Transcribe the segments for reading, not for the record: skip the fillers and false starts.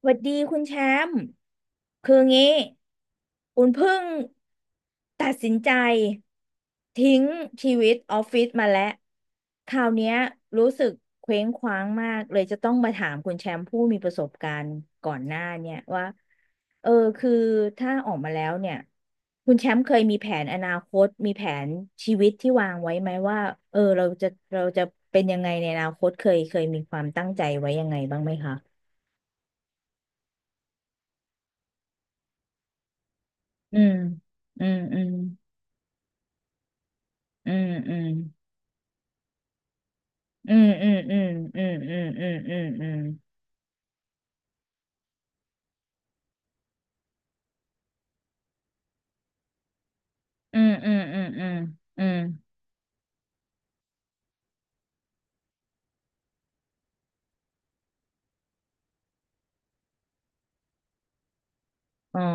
สวัสดีคุณแชมป์คืองี้อุ่นเพิ่งตัดสินใจทิ้งชีวิตออฟฟิศมาแล้วคราวเนี้ยรู้สึกเคว้งคว้างมากเลยจะต้องมาถามคุณแชมป์ผู้มีประสบการณ์ก่อนหน้าเนี่ยว่าเออคือถ้าออกมาแล้วเนี่ยคุณแชมป์เคยมีแผนอนาคตมีแผนชีวิตที่วางไว้ไหมว่าเออเราจะเป็นยังไงในอนาคตเคยมีความตั้งใจไว้ยังไงบ้างไหมคะ อืมอืมอืมอืมอืมอืมอืมอืมอืมอืมอืมอืมอืมอืมอืมอืมอืมอืมอ๋อ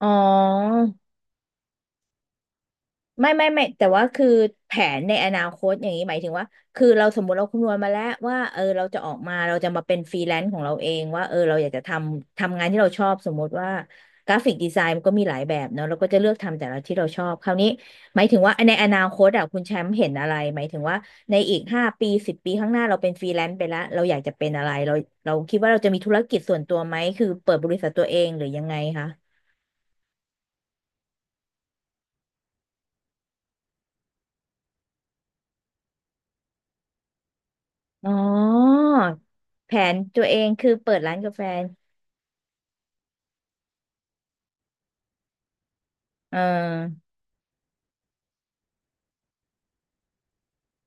อ๋อ ไม่ไม่ไม่แต่ว่าคือแผนในอนาคตอย่างนี้หมายถึงว่าคือเราสมมติเราคำนวณมาแล้วว่าเออเราจะออกมาเราจะมาเป็นฟรีแลนซ์ของเราเองว่าเออเราอยากจะทำงานที่เราชอบสมมติว่ากราฟิกดีไซน์มันก็มีหลายแบบเนาะเราก็จะเลือกทำแต่ละที่เราชอบคราวนี้หมายถึงว่าในอนาคตอ่ะคุณแชมป์เห็นอะไรหมายถึงว่าในอีก5 ปี10 ปีข้างหน้าเราเป็นฟรีแลนซ์ไปแล้วเราอยากจะเป็นอะไรเราคิดว่าเราจะมีธุรกิจส่วนตัวไหมคือเปิดบริษัทตัวเองหรือยังไงคะ อ๋อแผนตัวเองคือเปิดร้านกาแฟเออ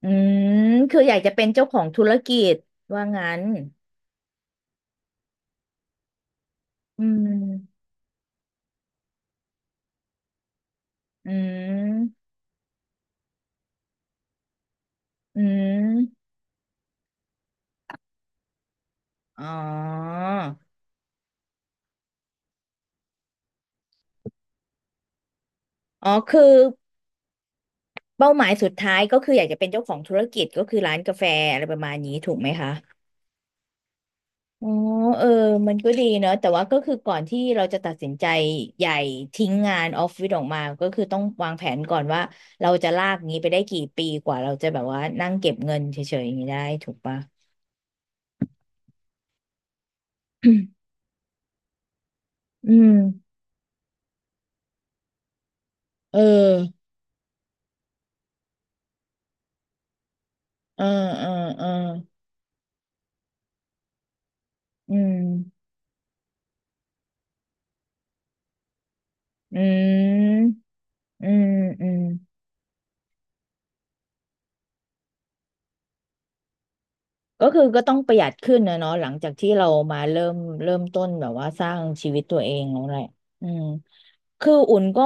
อืมคืออยากจะเป็นเจ้าของธุรกิจว่างั้นอืมอืมอืมอ๋ออ๋อคือเป้าหมายสุดท้ายก็คืออยากจะเป็นเจ้าของธุรกิจก็คือร้านกาแฟอะไรประมาณนี้ถูกไหมคะ อ๋อเออมันก็ดีเนอะแต่ว่าก็คือก่อนที่เราจะตัดสินใจใหญ่ทิ้งงานออฟฟิศออกมาก็คือต้องวางแผนก่อนว่าเราจะลากงี้ไปได้กี่ปีกว่าเราจะแบบว่านั่งเก็บเงินเฉยๆอย่างนี้ได้ถูกปะ อืมเออเออเออเอออืมอืมอืมอืม ก็คือก็ต้องประหยัดขึ้นนะเนาะหลังจากที่เรามาเริ่มต้นแบบว่าสร้างชีวิตตัวเองแล้วแหละอืมคืออุ่นก็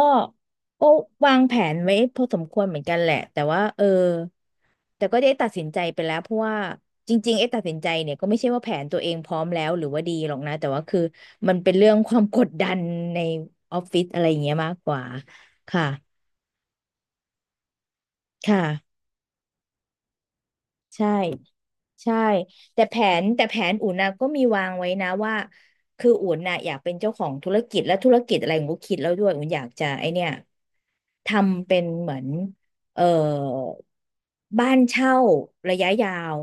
ก็วางแผนไว้พอสมควรเหมือนกันแหละแต่ว่าเออแต่ก็ได้ตัดสินใจไปแล้วเพราะว่าจริงๆไอ้ตัดสินใจเนี่ยก็ไม่ใช่ว่าแผนตัวเองพร้อมแล้วหรือว่าดีหรอกนะแต่ว่าคือมันเป็นเรื่องความกดดันในออฟฟิศอะไรอย่างเงี้ยมากกว่าค่ะค่ะใช่ ใช่แต่แผแต่แผนอุ่นนะก็มีวางไว้นะว่าคืออุ่นน่ะอยากเป็นเจ้าของธุรกิจและธุรกิจอะไรอุ่นก็คิดแล้วด้วยอุ่นอยากจะไอเนี่ยทำเป็นเหมือนเอ่อบ้านเช่าระยะยาว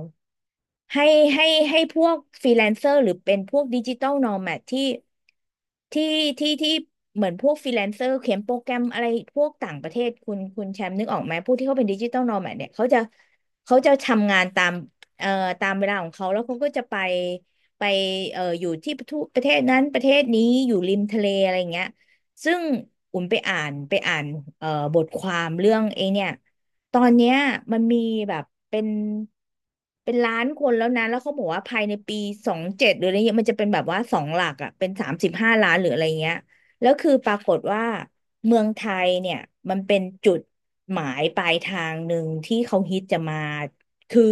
ให้ให้ให้พวกฟรีแลนเซอร์หรือเป็นพวกดิจิตอลนอแมดที่ที่ที่เหมือนพวกฟรีแลนเซอร์เขียนโปรแกรมอะไรพวกต่างประเทศคุณแชมป์นึกออกไหมพวกที่เขาเป็นดิจิตอลนอแมดเนี่ยเขาจะทำงานตาม เอ่อตามเวลาของเขาแล้วเขาก็จะไปอยู่ที่ประเทศนั้นประเทศนี้อยู่ริมทะเลอะไรอย่างเงี้ยซึ่งอุ่นไปอ่านเอ่อบทความเรื่องไอ้เนี่ยตอนเนี้ยมันมีแบบเป็นเป็นล้านคนแล้วนะแล้วเขาบอกว่าภายในปี2027หรืออะไรเงี้ยมันจะเป็นแบบว่าสองหลักอ่ะเป็น35 ล้านหรืออะไรเงี้ยแล้วคือปรากฏว่าเมืองไทยเนี่ยมันเป็นจุดหมายปลายทางหนึ่งที่เขาฮิตจะมา คือ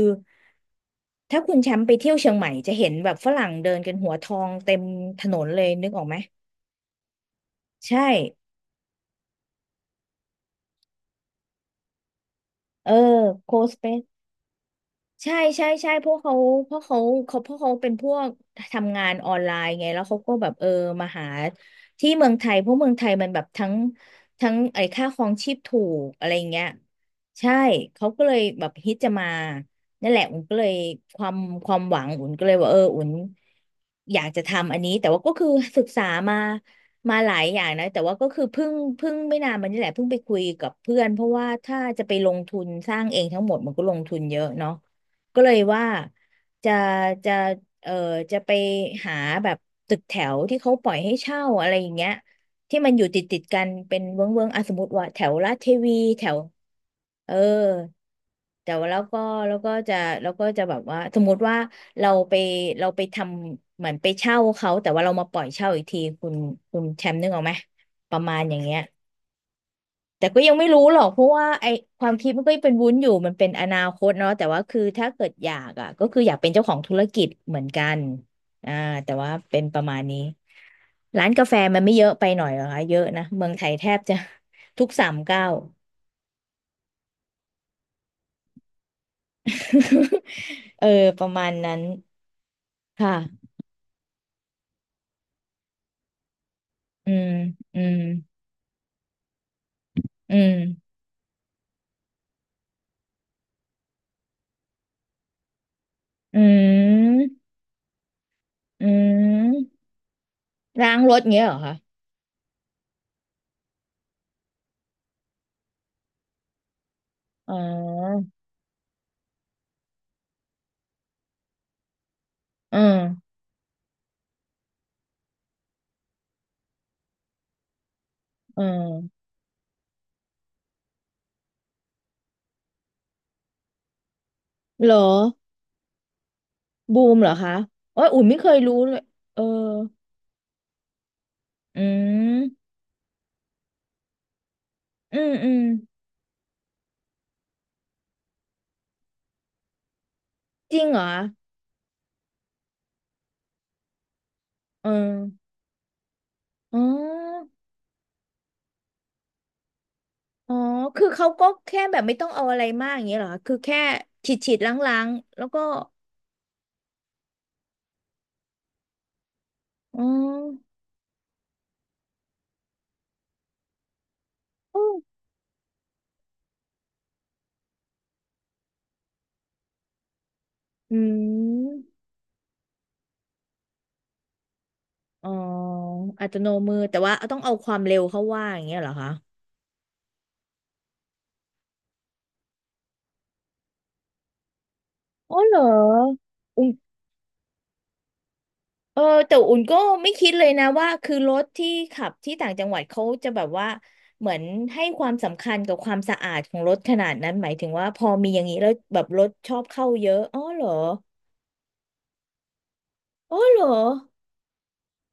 ถ้าคุณแชมป์ไปเที่ยวเชียงใหม่จะเห็นแบบฝรั่งเดินกันหัวทองเต็มถนนเลยนึกออกไหมใช่เออโคสเป ใช่ใช่ใช่เพราะเขาเพราะเขาเขาเพราะเขาเป็นพวกทำงานออนไลน์ไงแล้วเขาก็แบบเออมาหาที่เมืองไทยเพราะเมืองไทยมันแบบทั้งไอ้ค่าครองชีพถูกอะไรอย่างเงี้ยใช่เขาก็เลยแบบฮิตจะมานั่นแหละอุ่นก็เลยความความหวังอุ่นก็เลยว่าเอออุ่นอยากจะทำอันนี้แต่ว่าก็คือศึกษามามาหลายอย่างนะแต่ว่าก็คือเพิ่งไม่นานมานี่แหละเพิ่งไปคุยกับเพื่อนเพราะว่าถ้าจะไปลงทุนสร้างเองทั้งหมดมันก็ลงทุนเยอะเนาะ ก็เลยว่าจะจะเออจะไปหาแบบตึกแถวที่เขาปล่อยให้เช่าอะไรอย่างเงี้ยที่มันอยู่ติดกันเป็นเวิ้งอ่ะสมมติว่าแถวลาดเทวีแถวเออแต่ว่าแล้วก็จะแล้วก็จะแบบว่าสมมติว่าเราไปเราไปทำเหมือนไปเช่าเขาแต่ว่าเรามาปล่อยเช่าอีกทีคุณแชมป์นึกออกไหมประมาณอย่างเงี้ย แต่ก็ยังไม่รู้หรอกเพราะว่าไอความคิดมันก็ยังเป็นวุ้นอยู่มันเป็นอนาคตเนาะแต่ว่าคือถ้าเกิดอยากอ่ะก็คืออยากเป็นเจ้าของธุรกิจเหมือนกันอ่าแต่ว่าเป็นประมาณนี้ร้านกาแฟมันไม่เยอะไปหน่อยเหรอคะเยอะนะเมืองไทยแทบจะ ทุกสามเก้าว เออประมาณนั้นค่ะอืมอืมอืมอืมอืมล้างรถเงี้ยเหรอคะอ๋อเออเออเหรอ บูมเหรอคะโอ้ยอุ่นไม่เคยรู้เลยเอออืมอืมอืมจริงเหรอเอออ๋ออ๋อคือเขาก็แค่แบบไม่ต้องเอาอะไรมากอย่างเงี้ยเหรอคะคือแค่ฉีดล้างๆแล้วก็อ๋ออืมอมอ๋ออัตโนมือแต่ว่าต้องเอาความเร็วเข้าว่าอย่างเงี้ยเหรอคะอ๋อเหรออุ้ม เออแต่อุ่นก็ไม่คิดเลยนะว่าคือรถที่ขับที่ต่างจังหวัดเขาจะแบบว่าเหมือนให้ความสำคัญกับความสะอาดของรถขนาดนั้นหมายถึงว่าพอมีอย่างนี้แล้วแบบรถชอบเข้าเยอะอ๋อเหรออ๋อเหรอ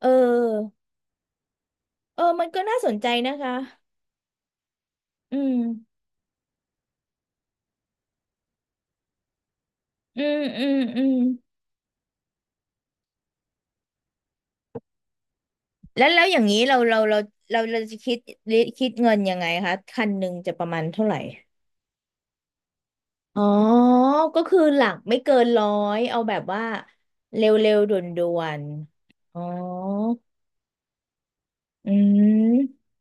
เออเออมันก็น่าสนใจนะคะอืมอืมอืมอืมแล้วอย่างนี้เราจะคิดเงินยังไงคะคันหนึ่งจะประมาณเท่าไหร่ อ๋อ ก็คือหลักไม่เกินร้อยเอาแบบว่าเร็วๆด่วนๆอ๋ออืม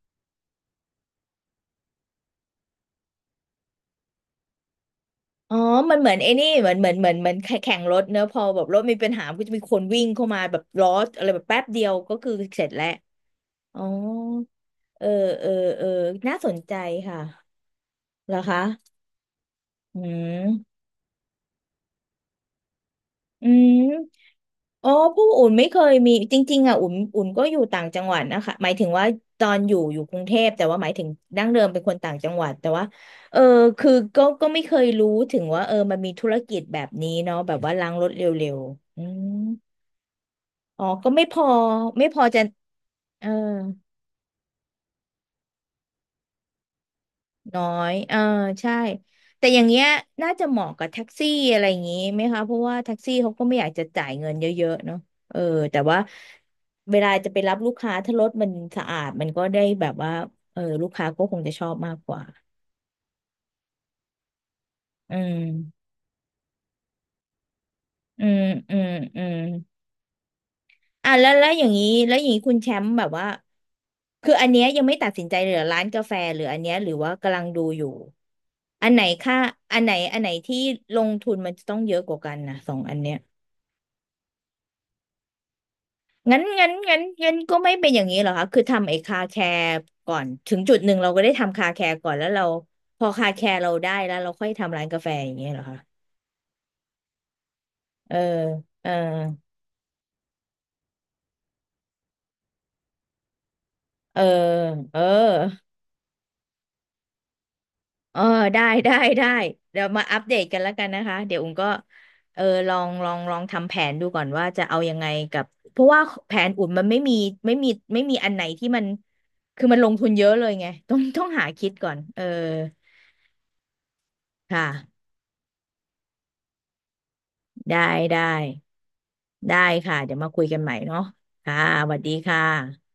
อ๋อมันเหมือนไอ้นี่เหมือนเหมือนเหมือนเหมือนแข่งรถเนอะพอแบบรถมีปัญหาก็จะมีคนวิ่งเข้ามาแบบล้ออะไรแบบแป๊บเดียวก็คือเสร็จแล้วอ๋อเออเออ เออ น่าสนใจค่ะเหรอคะอืม อืมอ๋อพวกอุ่นไม่เคยมีจริงๆอ่ะอุ่นอุ่นก็อยู่ต่างจังหวัดนะคะ หมายถึงว่าตอนอยู่กรุงเทพแต่ว่าหมายถึงดั้งเดิมเป็นคนต่างจังหวัดแต่ว่าเออคือก็ไม่เคยรู้ถึงว่าเออมันมีธุรกิจแบบนี้เนาะแบบว่าล้างรถเร็วๆอืมอ๋อก็ไม่พอ ไม่พอจะเออ น้อยเออใช่แต่อย่างเงี้ยน่าจะเหมาะกับแท็กซี่อะไรอย่างงี้ไหมคะเพราะว่าแท็กซี่เขาก็ไม่อยากจะจ่ายเงินเยอะๆเนาะเออแต่ว่าเวลาจะไปรับลูกค้าถ้ารถมันสะอาดมันก็ได้แบบว่าเออลูกค้าก็คงจะชอบมากกว่าอืมอืมอืมอืมอ่ะแล้วอย่างนี้คุณแชมป์แบบว่าคืออันเนี้ยยังไม่ตัดสินใจเลยเหรือร้านกาแฟหรืออันเนี้ยหรือว่ากำลังดูอยู่อันไหนค่าอันไหนที่ลงทุนมันจะต้องเยอะกว่ากันนะสองอันเนี้ย งั้นก็ไม่เป็นอย่างนี้เหรอคะคือทำไอ้คาแคร์ก่อนถึงจุดหนึ่งเราก็ได้ทำคาแคร์ก่อนแล้วเราพอคาแคร์เราได้แล้วเราค่อยทำร้านกาแฟอย่างนงี้เหรอคะเออเออเออเออเออได้ได้ได้เดี๋ยวมาอัปเดตกันแล้วกันนะคะเดี๋ยวอุ้งก็เออลองลองทำแผนดูก่อนว่าจะเอายังไงกับเพราะว่าแผนอุ่นมันไม่มีไม่มีอันไหนที่มันคือมันลงทุนเยอะเลยไงต้องหาคิดก่อนเออค่ะได้ได้ ได้ค่ะเดี๋ยวมาคุยกันใหม่เนาะค่ะสวัสดีค่ะ